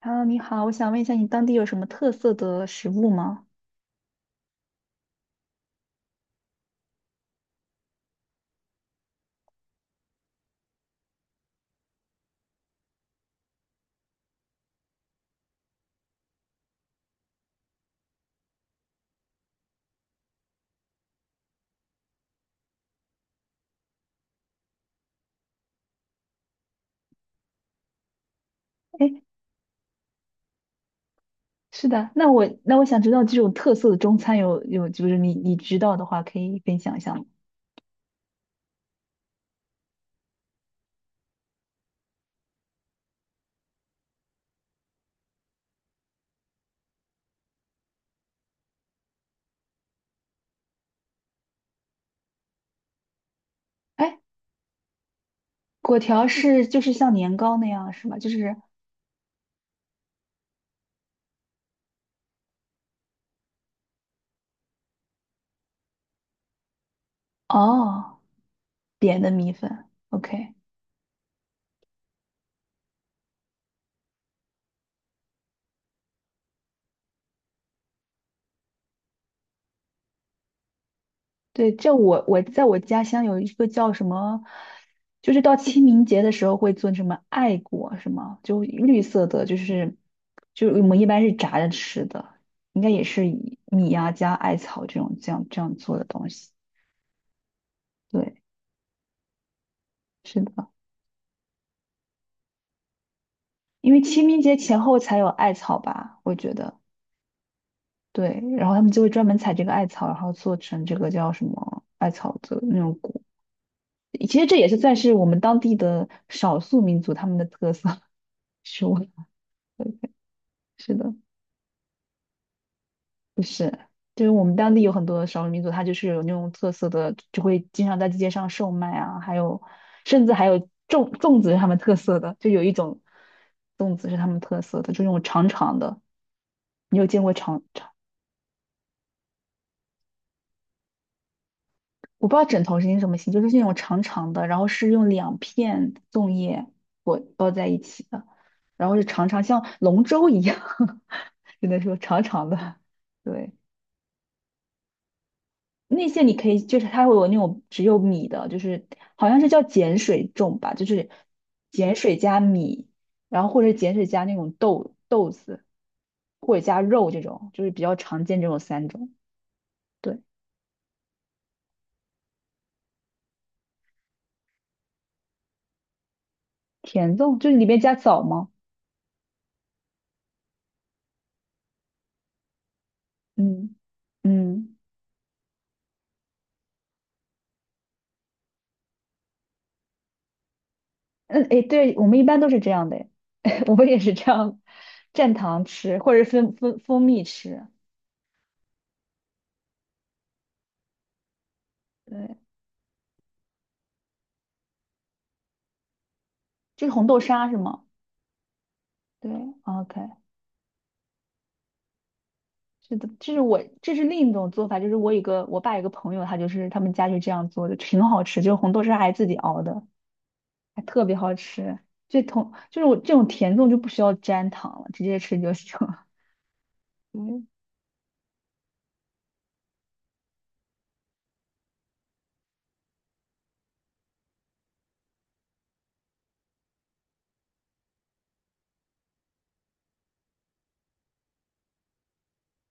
h e 你好，我想问一下，你当地有什么特色的食物吗？哎，是的，那我想知道这种特色的中餐有，就是你知道的话，可以分享一下吗？哎，果条是就是像年糕那样是吗？就是哦，扁的米粉，OK，对，这我在我家乡有一个叫什么，就是到清明节的时候会做什么艾果什么，就绿色的，就是就我们一般是炸着吃的，应该也是以米呀、加艾草这种这样这样做的东西。对，是的，因为清明节前后才有艾草吧，我觉得。对，然后他们就会专门采这个艾草，然后做成这个叫什么艾草的那种果。其实这也是算是我们当地的少数民族他们的特色食物。是的，不是，就是我们当地有很多少数民族，它就是有那种特色的，就会经常在街上售卖啊，还有甚至还有粽子是他们特色的，就有一种粽子是他们特色的，就那种长长的，你有见过长长？我不知道枕头是那什么形，就是那种长长的，然后是用两片粽叶裹包在一起的，然后是长长像龙舟一样，只能说长长的，对。那些你可以，就是它会有那种只有米的，就是好像是叫碱水粽吧，就是碱水加米，然后或者碱水加那种豆子，或者加肉这种，就是比较常见这种三种。对，甜粽就是里面加枣吗？嗯嗯嗯，哎，对，我们一般都是这样的，哎 我们也是这样蘸糖吃，或者是蜂蜜吃。对，就是红豆沙是吗？对，OK。是的，这是我，这是另一种做法，就是我有个我爸有个朋友，他就是他们家就这样做的，挺好吃，就是红豆沙还自己熬的，还特别好吃。这同就是我这种甜粽就不需要沾糖了，直接吃就行。嗯，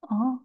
哦，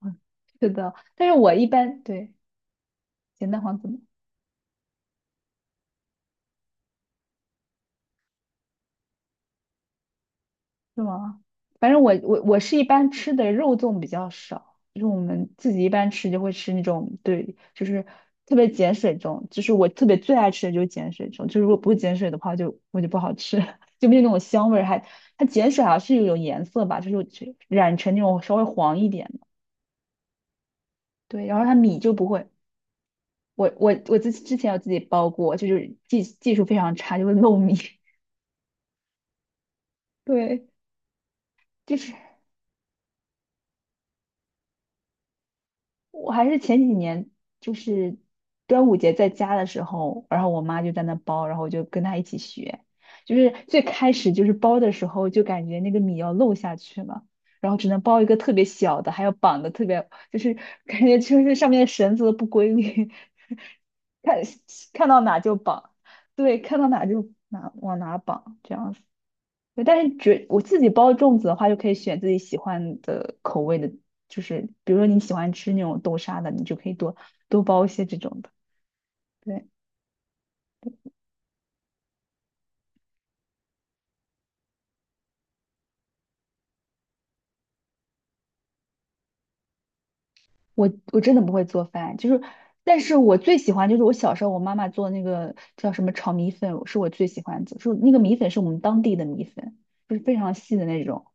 嗯是的，但是我一般对咸蛋黄怎么？是吗？反正我是一般吃的肉粽比较少，就是我们自己一般吃就会吃那种，对，就是特别碱水粽，就是我特别最爱吃的就是碱水粽，就是如果不是碱水的话就，我就不好吃，就没有那种香味儿，还它碱水好像是有种颜色吧，就是有染成那种稍微黄一点的，对，然后它米就不会，我之前有自己包过，就是技术非常差，就会漏米，对，就是。我还是前几年就是端午节在家的时候，然后我妈就在那包，然后我就跟她一起学。就是最开始就是包的时候，就感觉那个米要漏下去了，然后只能包一个特别小的，还要绑的特别，就是 感觉就是上面的绳子都不规律，看看到哪就绑，对，看到哪就哪往哪绑这样子。对，但是觉我自己包粽子的话，就可以选自己喜欢的口味的，就是比如说你喜欢吃那种豆沙的，你就可以多包一些这种的。对，我真的不会做饭，就是，但是我最喜欢就是我小时候我妈妈做那个叫什么炒米粉，是我最喜欢的，是那个米粉是我们当地的米粉，就是非常细的那种。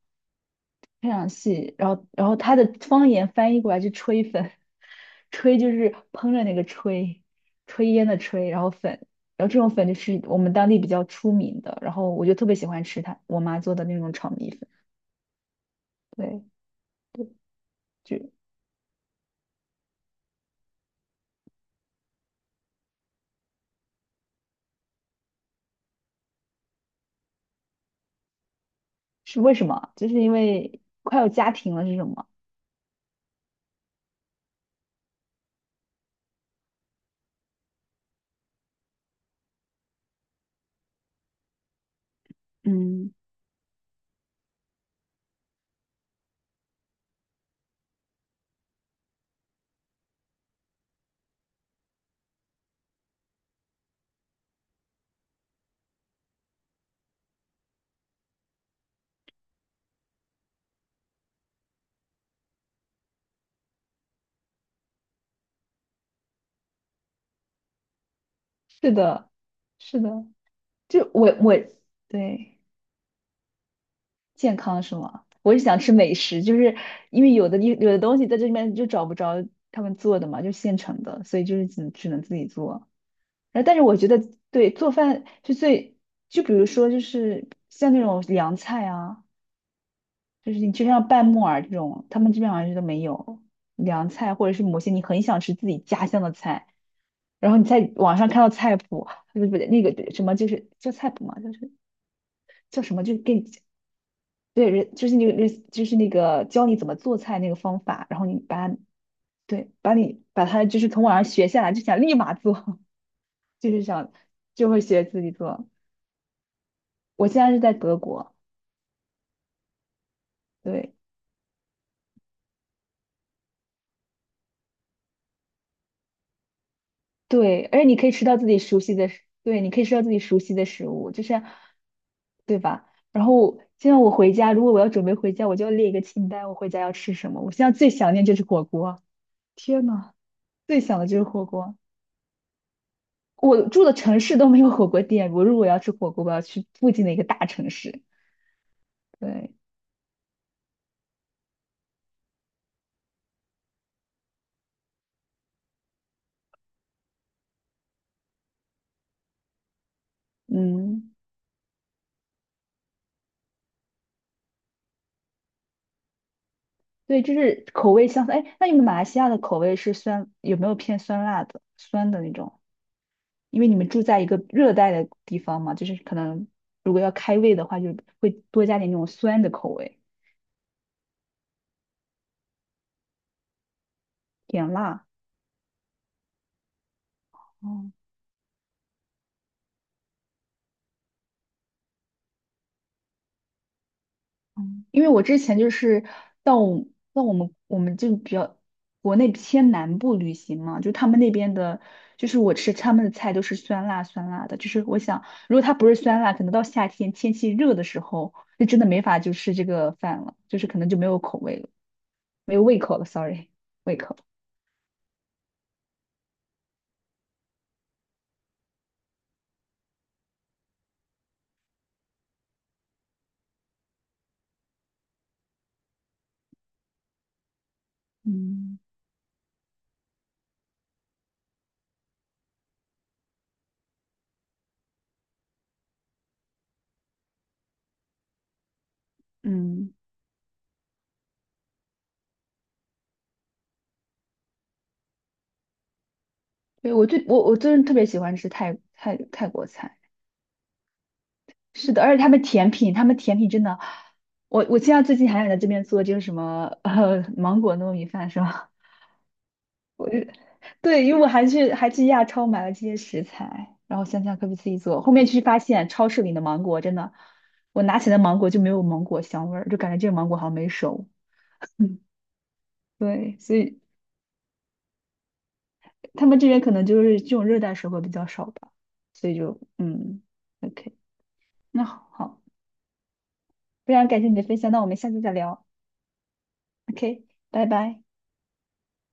非常细，然后它的方言翻译过来就"吹粉，吹就是烹饪那个吹，炊烟的炊，然后粉，然后这种粉就是我们当地比较出名的，然后我就特别喜欢吃它，我妈做的那种炒米粉，对对，就是为什么啊就是因为快要家庭了，是什么？嗯，是的，是的，就我对。健康是吗？我是想吃美食，就是因为有的地有的东西在这里面就找不着他们做的嘛，就现成的，所以就是只能自己做。然后，但是我觉得对做饭是最，就比如说就是像那种凉菜啊，就是你就像拌木耳这种，他们这边好像是都没有凉菜，或者是某些你很想吃自己家乡的菜，然后你在网上看到菜谱，不是那个什么就是叫菜谱嘛，就是叫什么，就是给你。对，人就是那个，人就是那个教你怎么做菜那个方法，然后你把它对，把你把它就是从网上学下来，就想立马做，就是想就会学自己做。我现在是在德国，对对，而且你可以吃到自己熟悉的食，对，你可以吃到自己熟悉的食物，就是对吧？然后现在我回家，如果我要准备回家，我就要列一个清单，我回家要吃什么。我现在最想念就是火锅，天呐，最想的就是火锅。我住的城市都没有火锅店，我如果要吃火锅，我要去附近的一个大城市。对，嗯，对，就是口味相似。哎，那你们马来西亚的口味是酸，有没有偏酸辣的、酸的那种？因为你们住在一个热带的地方嘛，就是可能如果要开胃的话，就会多加点那种酸的口味，点辣。哦，因为我之前就是到我到我们就比较国内偏南部旅行嘛，就他们那边的，就是我吃他们的菜都是酸辣酸辣的，就是我想如果它不是酸辣，可能到夏天天气热的时候，就真的没法就吃这个饭了，就是可能就没有口味了，没有胃口了，sorry，胃口。嗯嗯，对，我最我我真的特别喜欢吃泰国菜。是的，而且他们甜品，他们甜品真的，我现在最近还想在这边做这个什么芒果糯米饭是吧？我就对，因为我还去亚超买了这些食材，然后想想可不可以自己做。后面去发现超市里的芒果真的，我拿起来的芒果就没有芒果香味儿，就感觉这个芒果好像没熟。嗯，对，所以他们这边可能就是这种热带水果比较少吧，所以就嗯，OK，那好，好非常感谢你的分享，那我们下次再聊，OK，拜拜。